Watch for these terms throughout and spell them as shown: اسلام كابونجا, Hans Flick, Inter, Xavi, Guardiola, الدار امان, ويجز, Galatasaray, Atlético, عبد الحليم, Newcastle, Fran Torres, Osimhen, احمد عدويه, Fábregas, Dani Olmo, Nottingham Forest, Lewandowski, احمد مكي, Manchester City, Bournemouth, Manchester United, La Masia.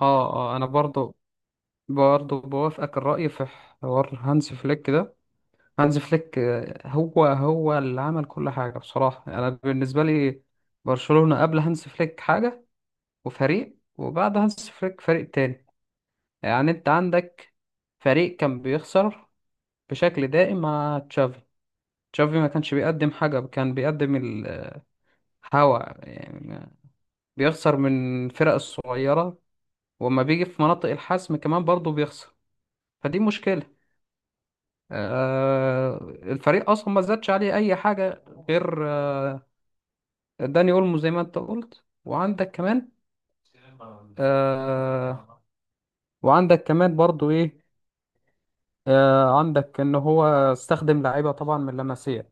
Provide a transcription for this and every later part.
اه انا برضو بوافقك الرأي في حوار هانز فليك ده. هانز فليك، هو اللي عمل كل حاجة. بصراحة انا بالنسبة لي برشلونة قبل هانز فليك حاجة وفريق، وبعد هانز فليك فريق تاني. يعني انت عندك فريق كان بيخسر بشكل دائم مع تشافي. تشافي ما كانش بيقدم حاجة، كان بيقدم الهوا يعني، بيخسر من الفرق الصغيرة، وما بيجي في مناطق الحسم كمان برضو بيخسر. فدي مشكلة. آه، الفريق اصلا ما زادش عليه اي حاجه غير داني اولمو زي ما انت قلت، وعندك كمان آه، وعندك كمان برضو ايه، عندك ان هو استخدم لعيبه طبعا من لاماسيا.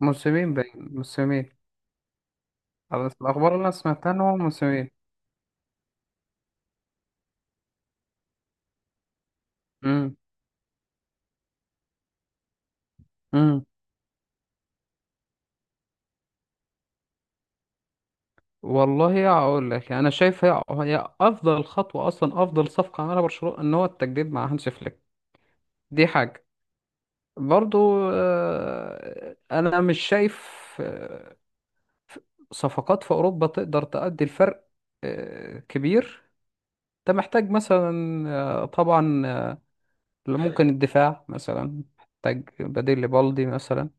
موسمين، باين موسمين. على بس الأخبار اللي أنا سمعتها إن هو موسمين. مم. مم. والله اقول لك يعني انا شايف هي افضل خطوه، اصلا افضل صفقه عملها برشلونه ان هو التجديد مع هانسي فليك. دي حاجه. برضو انا مش شايف آه، صفقات في اوروبا تقدر تؤدي الفرق كبير. انت محتاج مثلا، طبعا، ممكن الدفاع مثلا محتاج بديل لبالدي مثلا،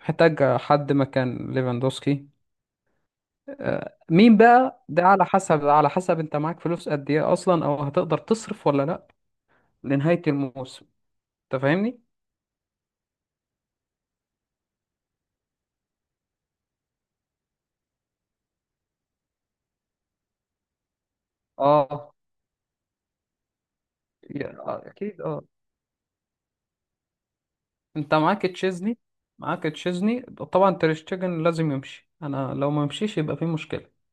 محتاج حد مكان ليفاندوسكي. مين بقى ده؟ على حسب، على حسب انت معاك فلوس قد ايه اصلا، او هتقدر تصرف ولا لا لنهاية الموسم. انت فاهمني؟ اه. اكيد اه. انت معاك تشيزني، معاك تشيزني طبعا. تريشتجن لازم يمشي، انا لو ما مشيش يبقى في مشكلة.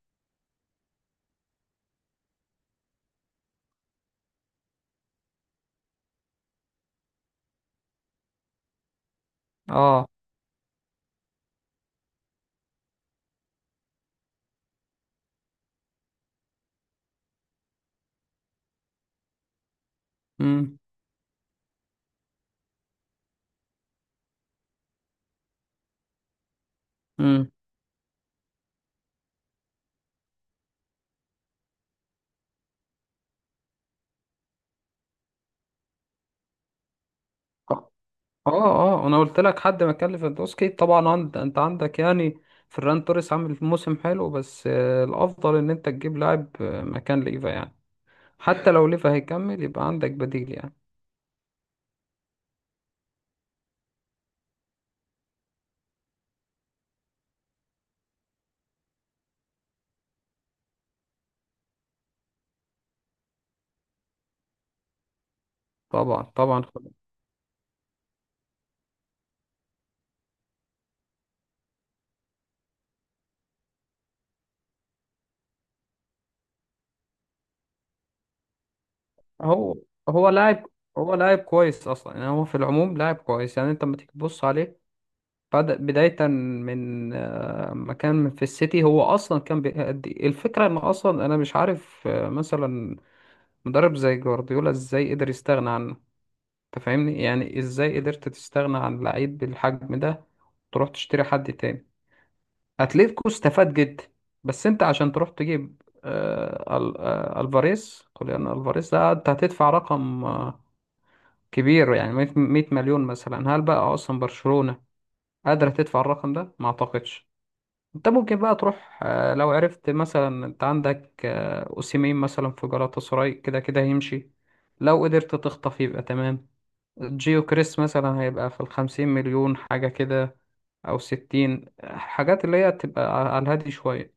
اه. امم. امم. اه اه، انا قلت لك حد ما كان ليفاندوسكي طبعا. عند، انت عندك يعني فران توريس عامل موسم حلو، بس الافضل ان انت تجيب لاعب مكان ليفا يعني. حتى لو ليفا هيكمل، يبقى عندك بديل يعني. طبعا، طبعا، هو هو لاعب هو لاعب كويس اصلا يعني. هو في العموم لاعب كويس. يعني انت لما تيجي تبص عليه، بدأ بداية من ما كان في السيتي. هو اصلا كان بيأدي الفكرة ان اصلا انا مش عارف مثلا مدرب زي جوارديولا ازاي قدر يستغنى عنه. انت فاهمني يعني؟ ازاي قدرت تستغنى عن لعيب بالحجم ده تروح تشتري حد تاني؟ اتلتيكو استفاد جدا. بس انت عشان تروح تجيب الفاريز، خلينا الفاريز ده، انت هتدفع رقم كبير يعني، 100 مليون مثلا. هل بقى اصلا برشلونة قادرة تدفع الرقم ده؟ ما اعتقدش. انت ممكن بقى تروح لو عرفت مثلا، انت عندك اوسيمين مثلا في جالاتا سراي، كده كده هيمشي. لو قدرت تخطف يبقى تمام. جيو كريس مثلا هيبقى في 50 مليون حاجة كده، أو 60، حاجات اللي هي تبقى على الهادي شوية.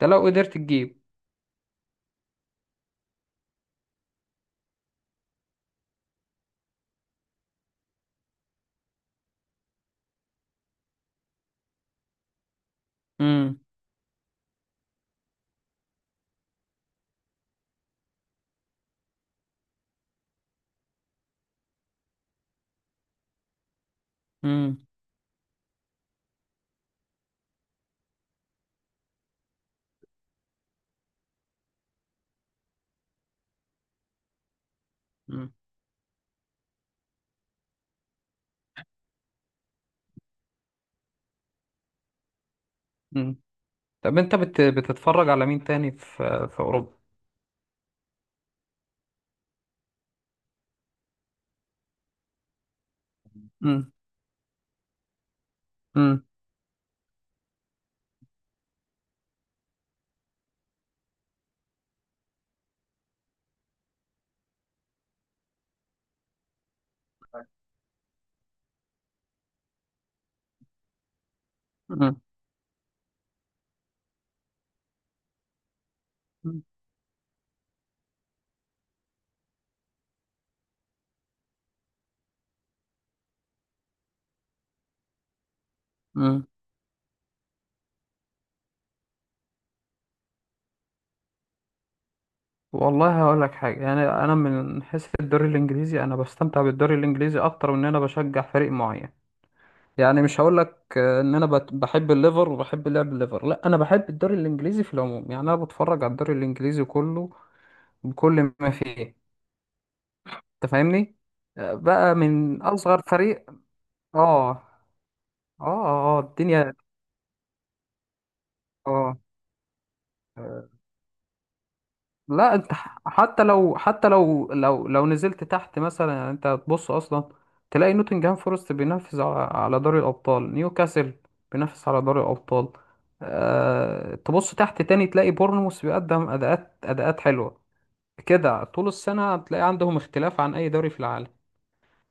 ده لو قدرت تجيب. امم. امم. امم. مم. طب انت بتتفرج على مين تاني في اوروبا؟ امم. امم. امم. امم. والله هقول لك حاجة يعني، أنا من حيث الدوري الإنجليزي، أنا بستمتع بالدوري الإنجليزي أكتر من إن أنا بشجع فريق معين. يعني مش هقول لك إن أنا بحب الليفر وبحب لعب الليفر، لا، أنا بحب الدوري الإنجليزي في العموم. يعني أنا بتفرج على الدوري الإنجليزي كله بكل ما فيه. أنت فاهمني؟ بقى من أصغر فريق. آه. اه. اه الدنيا. اه. آه، لا، انت حتى لو، حتى لو، لو نزلت تحت مثلا يعني، انت هتبص اصلا تلاقي نوتنجهام فورست بينافس على دوري الابطال، نيوكاسل بينافس على دوري الابطال. أه، تبص تحت تاني تلاقي بورنموث بيقدم اداءات حلوه كده. طول السنه هتلاقي عندهم اختلاف عن اي دوري في العالم.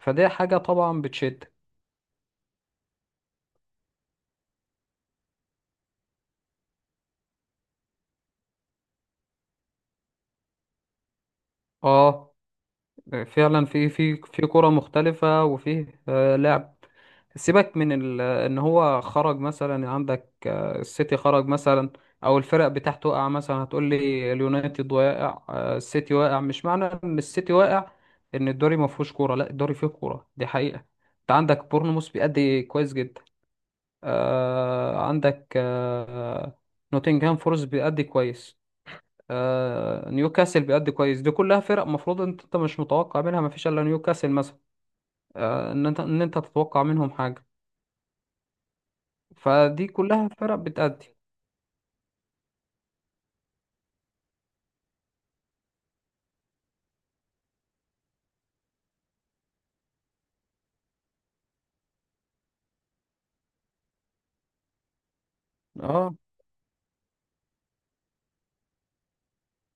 فدي حاجه طبعا بتشد. اه، فعلا في كرة مختلفة، وفيه لعب. سيبك من ان هو خرج مثلا. عندك السيتي خرج مثلا، او الفرق بتاعته وقع مثلا. هتقول لي اليونايتد واقع، السيتي واقع، مش معنى ان السيتي واقع ان الدوري ما فيهوش كوره. لا، الدوري فيه كوره، دي حقيقة. انت عندك بورنموث بيأدي كويس جدا، عندك نوتنغهام فورست بيأدي كويس، نيوكاسل بيأدي كويس. دي كلها فرق مفروض انت مش متوقع منها، مفيش الا نيوكاسل مثلا ان انت، ان انت تتوقع منهم حاجة. فدي كلها فرق بتأدي. اه.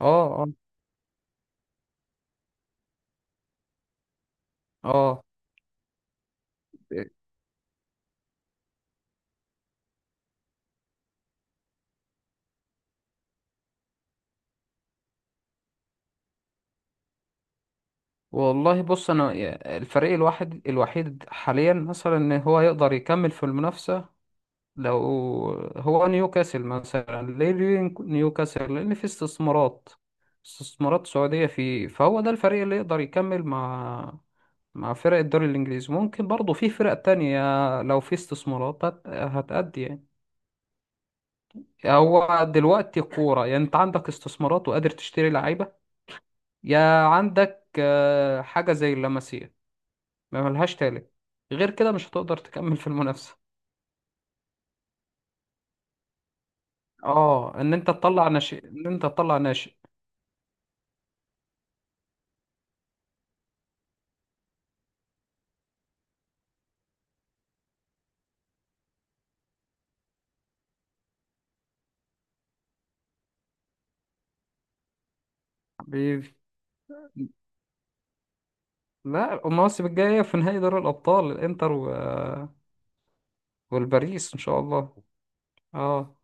اه. اه. اه. والله بص، انا الفريق الوحيد حاليا مثلا ان هو يقدر يكمل في المنافسة لو، هو نيوكاسل مثلا. ليه؟ ليه نيوكاسل؟ لأن في استثمارات، استثمارات سعودية فيه، فهو ده الفريق اللي يقدر يكمل مع، مع فرق الدوري الإنجليزي. ممكن برضه في فرق تانية لو في استثمارات هتأدي يعني. هو دلوقتي كورة يعني أنت عندك استثمارات وقادر تشتري لعيبة، يا عندك حاجة زي اللمسية، ما ملهاش تالت. غير كده مش هتقدر تكمل في المنافسة. اه، ان انت تطلع ناشئ، ان انت تطلع ناشئ. لا، المواسم الجاية في نهائي دوري الأبطال الإنتر والباريس إن شاء الله. اه.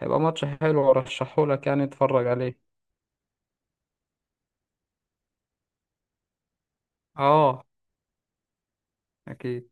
هيبقى ماتش حلو، أرشحهولك يعني تتفرج عليه. اه. أكيد.